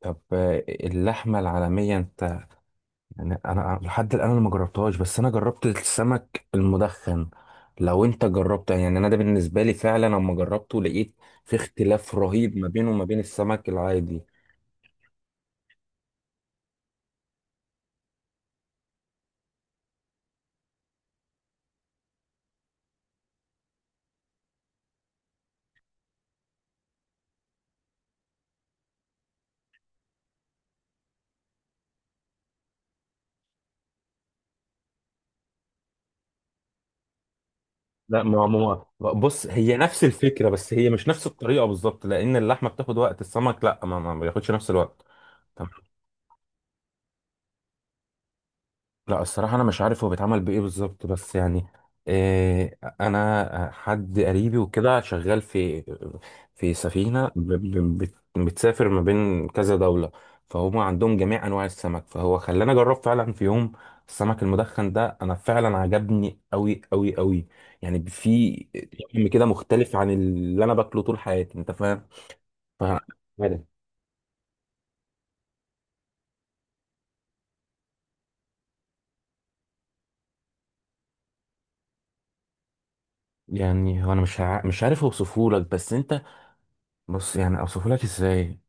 طب اللحمة العالمية انت. يعني انا لحد الان انا ما جربتهاش، بس انا جربت السمك المدخن. لو انت جربته، يعني انا ده بالنسبة لي فعلا لما جربته لقيت في اختلاف رهيب ما بينه وما بين السمك العادي. لا بص، هي نفس الفكرة بس هي مش نفس الطريقة بالظبط، لان اللحمة بتاخد وقت، السمك لا ما بياخدش نفس الوقت. لا الصراحة أنا مش عارف هو بيتعمل بإيه بالظبط، بس يعني إيه، أنا حد قريبي وكده شغال في سفينة بتسافر ما بين كذا دولة، فهم عندهم جميع أنواع السمك، فهو خلاني أجرب فعلا في يوم السمك المدخن ده. أنا فعلا عجبني أوي أوي أوي. يعني في طعم كده مختلف عن اللي أنا باكله طول حياتي. أنت فاهم؟ ف- يعني هو أنا مش عارف أوصفهولك، بس أنت، بص يعني أوصفهولك إزاي.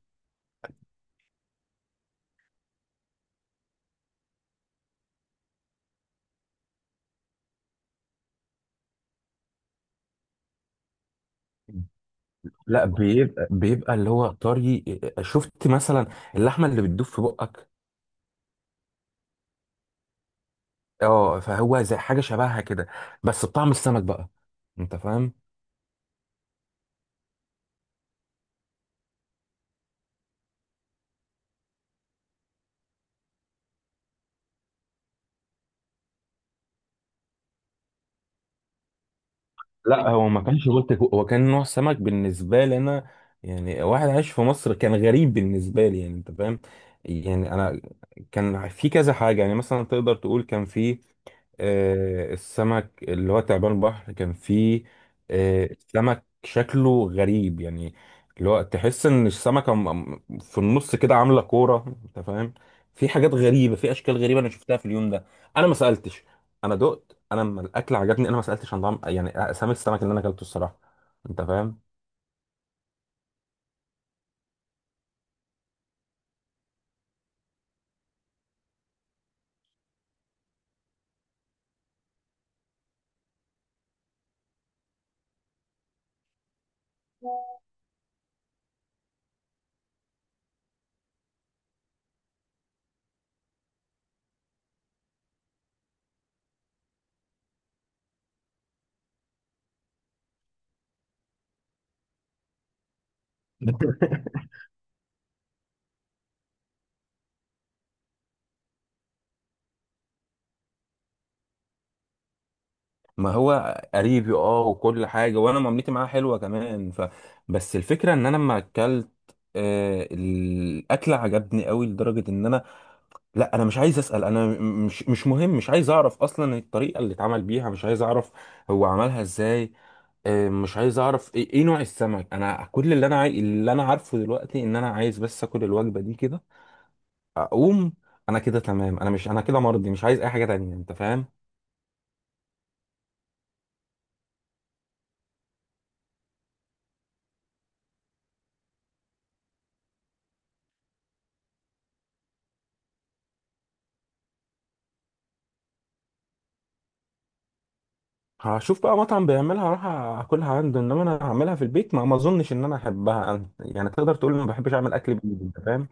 لا بيبقى اللي هو طري. شفت مثلا، اللحمه اللي بتدوب في بقك. اه، فهو زي حاجه شبهها كده، بس بطعم السمك بقى. انت فاهم. لا هو ما كانش بلطي، هو كان نوع سمك بالنسبه لي انا. يعني واحد عايش في مصر، كان غريب بالنسبه لي. يعني انت فاهم. يعني انا كان في كذا حاجه، يعني مثلا تقدر تقول كان في السمك اللي هو تعبان البحر. كان فيه سمك شكله غريب، يعني اللي هو تحس ان السمكة في النص كده عاملة كورة. انت فاهم، في حاجات غريبة، في اشكال غريبة انا شفتها في اليوم ده. انا ما سألتش. انا دقت، انا لما الاكل عجبني انا ما سألتش عن طعم يعني اسامي السمك اللي انا اكلته الصراحة. انت فاهم، ما هو قريبي، اه، وكل حاجة، وانا معاملتي معاه حلوة كمان. بس الفكرة ان انا لما اكلت الاكل عجبني قوي لدرجة ان انا، لا انا مش عايز اسال. انا مش مهم، مش عايز اعرف اصلا الطريقه اللي اتعمل بيها. مش عايز اعرف هو عملها ازاي. مش عايز اعرف إيه نوع السمك. انا كل اللي انا عارفه دلوقتي ان انا عايز بس اكل الوجبه دي كده، اقوم. انا كده تمام، انا كده مرضي. مش عايز اي حاجه تانية. انت فاهم، هشوف بقى مطعم بيعملها اروح اكلها عنده، انما انا هعملها في البيت ما اظنش ان انا احبها. يعني تقدر تقول إن ما بحبش اعمل اكل بايدي. انت فاهم،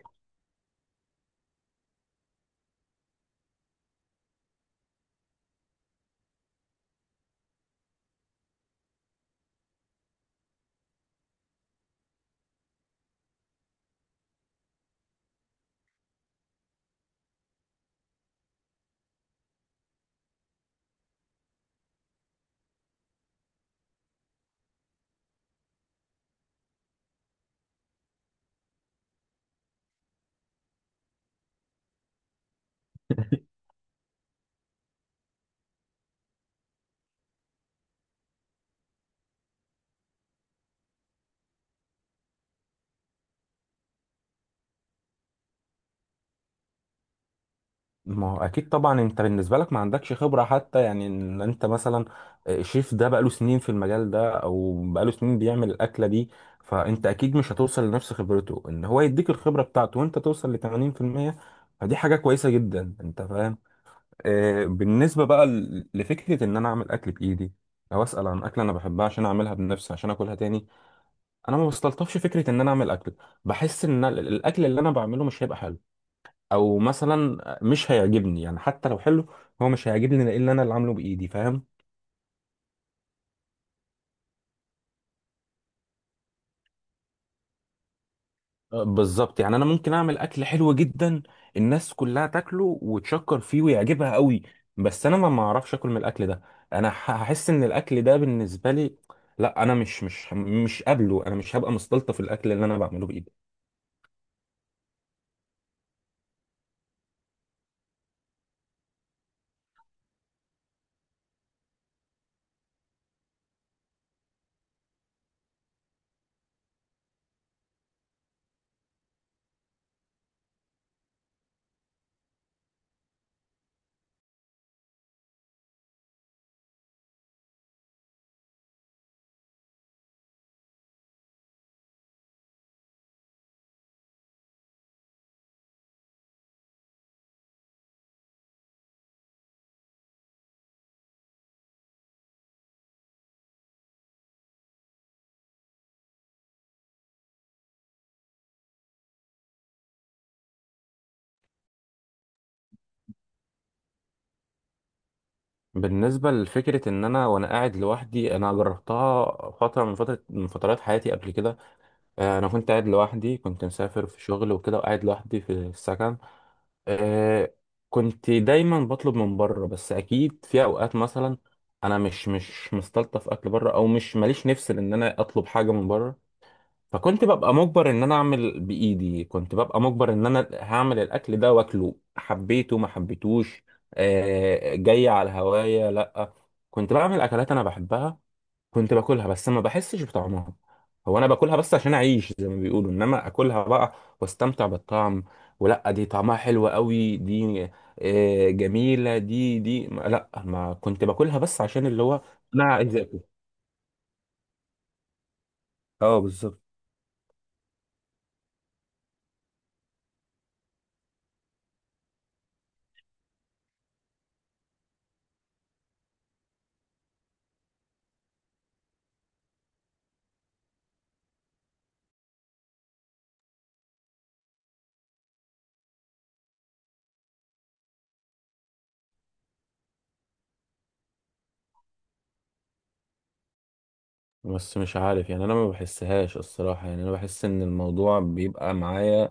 ما هو اكيد طبعا. انت بالنسبه لك ما عندكش خبره، حتى يعني ان انت مثلا، شيف ده بقاله سنين في المجال ده، او بقاله سنين بيعمل الاكله دي. فانت اكيد مش هتوصل لنفس خبرته، ان هو يديك الخبره بتاعته وانت توصل ل 80%. فدي حاجه كويسه جدا. انت فاهم. بالنسبه بقى لفكره ان انا اعمل اكل بايدي، او اسال عن اكله انا بحبها عشان اعملها بنفسي عشان اكلها تاني، انا ما بستلطفش فكره ان انا اعمل اكل. بحس ان الاكل اللي انا بعمله مش هيبقى حلو، او مثلا مش هيعجبني. يعني حتى لو حلو، هو مش هيعجبني لان انا اللي عامله بايدي. فاهم، بالظبط. يعني انا ممكن اعمل اكل حلو جدا، الناس كلها تاكله وتشكر فيه ويعجبها قوي، بس انا ما اعرفش اكل من الاكل ده. انا هحس ان الاكل ده بالنسبه لي، لا انا مش قابله. انا مش هبقى مستلطف الاكل اللي انا بعمله بايدي. بالنسبه لفكره ان انا وانا قاعد لوحدي، انا جربتها فتره من فترات حياتي قبل كده. انا كنت قاعد لوحدي، كنت مسافر في شغل وكده، وقاعد لوحدي في السكن. آه، كنت دايما بطلب من بره، بس اكيد في اوقات مثلا انا مش مستلطف اكل بره، او مش ماليش نفس ان انا اطلب حاجه من بره. فكنت ببقى مجبر ان انا اعمل بايدي، كنت ببقى مجبر ان انا هعمل الاكل ده واكله، حبيته ما حبيتوش. جاي على هوايا لا، كنت بعمل اكلات انا بحبها، كنت باكلها بس ما بحسش بطعمها. هو انا باكلها بس عشان اعيش زي ما بيقولوا، انما اكلها بقى واستمتع بالطعم. ولا دي طعمها حلو قوي دي، جميلة دي، دي لا ما كنت باكلها بس عشان اللي هو انا عايز اكل. اه بالظبط. بس مش عارف يعني، انا ما بحسهاش الصراحة. يعني انا بحس ان الموضوع بيبقى معايا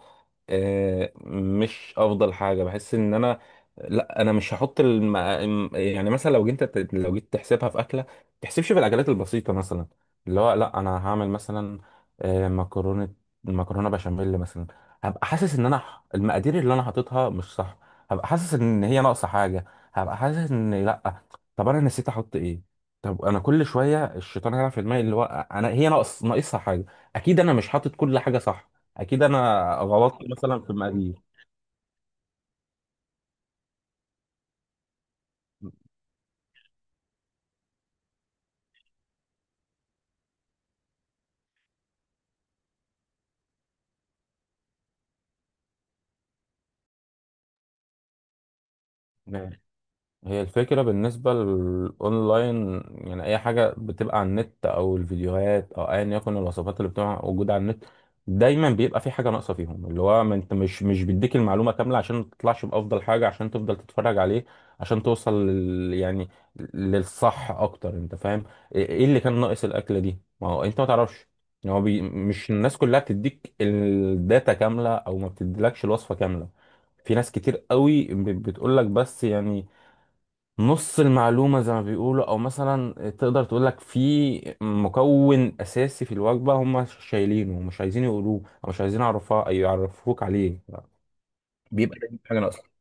مش افضل حاجه. بحس ان انا لا، انا مش هحط يعني مثلا لو جيت تحسبها في اكله، ما تحسبش في الاكلات البسيطه مثلا. اللي هو لا، انا هعمل مثلا مكرونه، مكرونه بشاميل مثلا. هبقى حاسس ان المقادير اللي انا حاططها مش صح. هبقى حاسس ان هي ناقصه حاجه. هبقى حاسس ان لا، طب انا نسيت احط ايه. طب انا كل شويه الشيطان هيلعب في دماغي، اللي هو انا هي ناقصها حاجه. اكيد انا مش حاطط كل حاجه صح. اكيد انا غلطت مثلا في المقادير. هي الفكرة بالنسبة للأونلاين، يعني أي حاجة بتبقى على النت أو الفيديوهات أو أيا يكن الوصفات اللي بتبقى موجودة على النت، دايما بيبقى في حاجة ناقصة فيهم. اللي هو ما أنت مش بيديك المعلومة كاملة عشان ما تطلعش بأفضل حاجة، عشان تفضل تتفرج عليه، عشان توصل لل يعني للصح أكتر. أنت فاهم إيه اللي كان ناقص الأكلة دي، ما هو أنت ما تعرفش. يعني هو مش الناس كلها بتديك الداتا كاملة، أو ما بتديلكش الوصفة كاملة. في ناس كتير قوي بتقول لك بس يعني نص المعلومة زي ما بيقولوا، أو مثلا تقدر تقولك في مكون أساسي في الوجبة هم شايلينه ومش عايزين يقولوه، أو مش عايزين يعرفوه أي يعرفوك عليه. بيبقى دايما في حاجه ناقصه.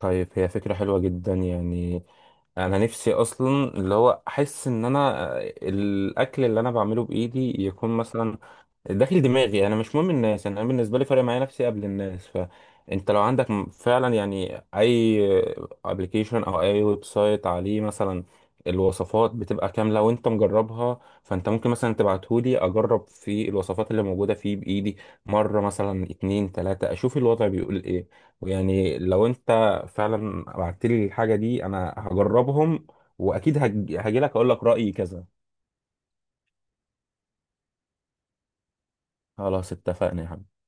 طيب هي فكرة حلوة جدا يعني. أنا نفسي أصلا اللي هو أحس إن أنا، الأكل اللي أنا بعمله بإيدي يكون مثلا داخل دماغي. انا مش مهم الناس، انا بالنسبه لي فارق معايا نفسي قبل الناس. فانت لو عندك فعلا يعني اي ابلكيشن او اي ويب سايت عليه مثلا الوصفات بتبقى كامله وانت مجربها، فانت ممكن مثلا تبعتهولي اجرب في الوصفات اللي موجوده فيه بايدي، مره مثلا اتنين تلاته، اشوف الوضع بيقول ايه. ويعني لو انت فعلا بعتلي الحاجه دي انا هجربهم، واكيد هجيلك اقول لك رايي كذا. خلاص اتفقنا يا حبيبي.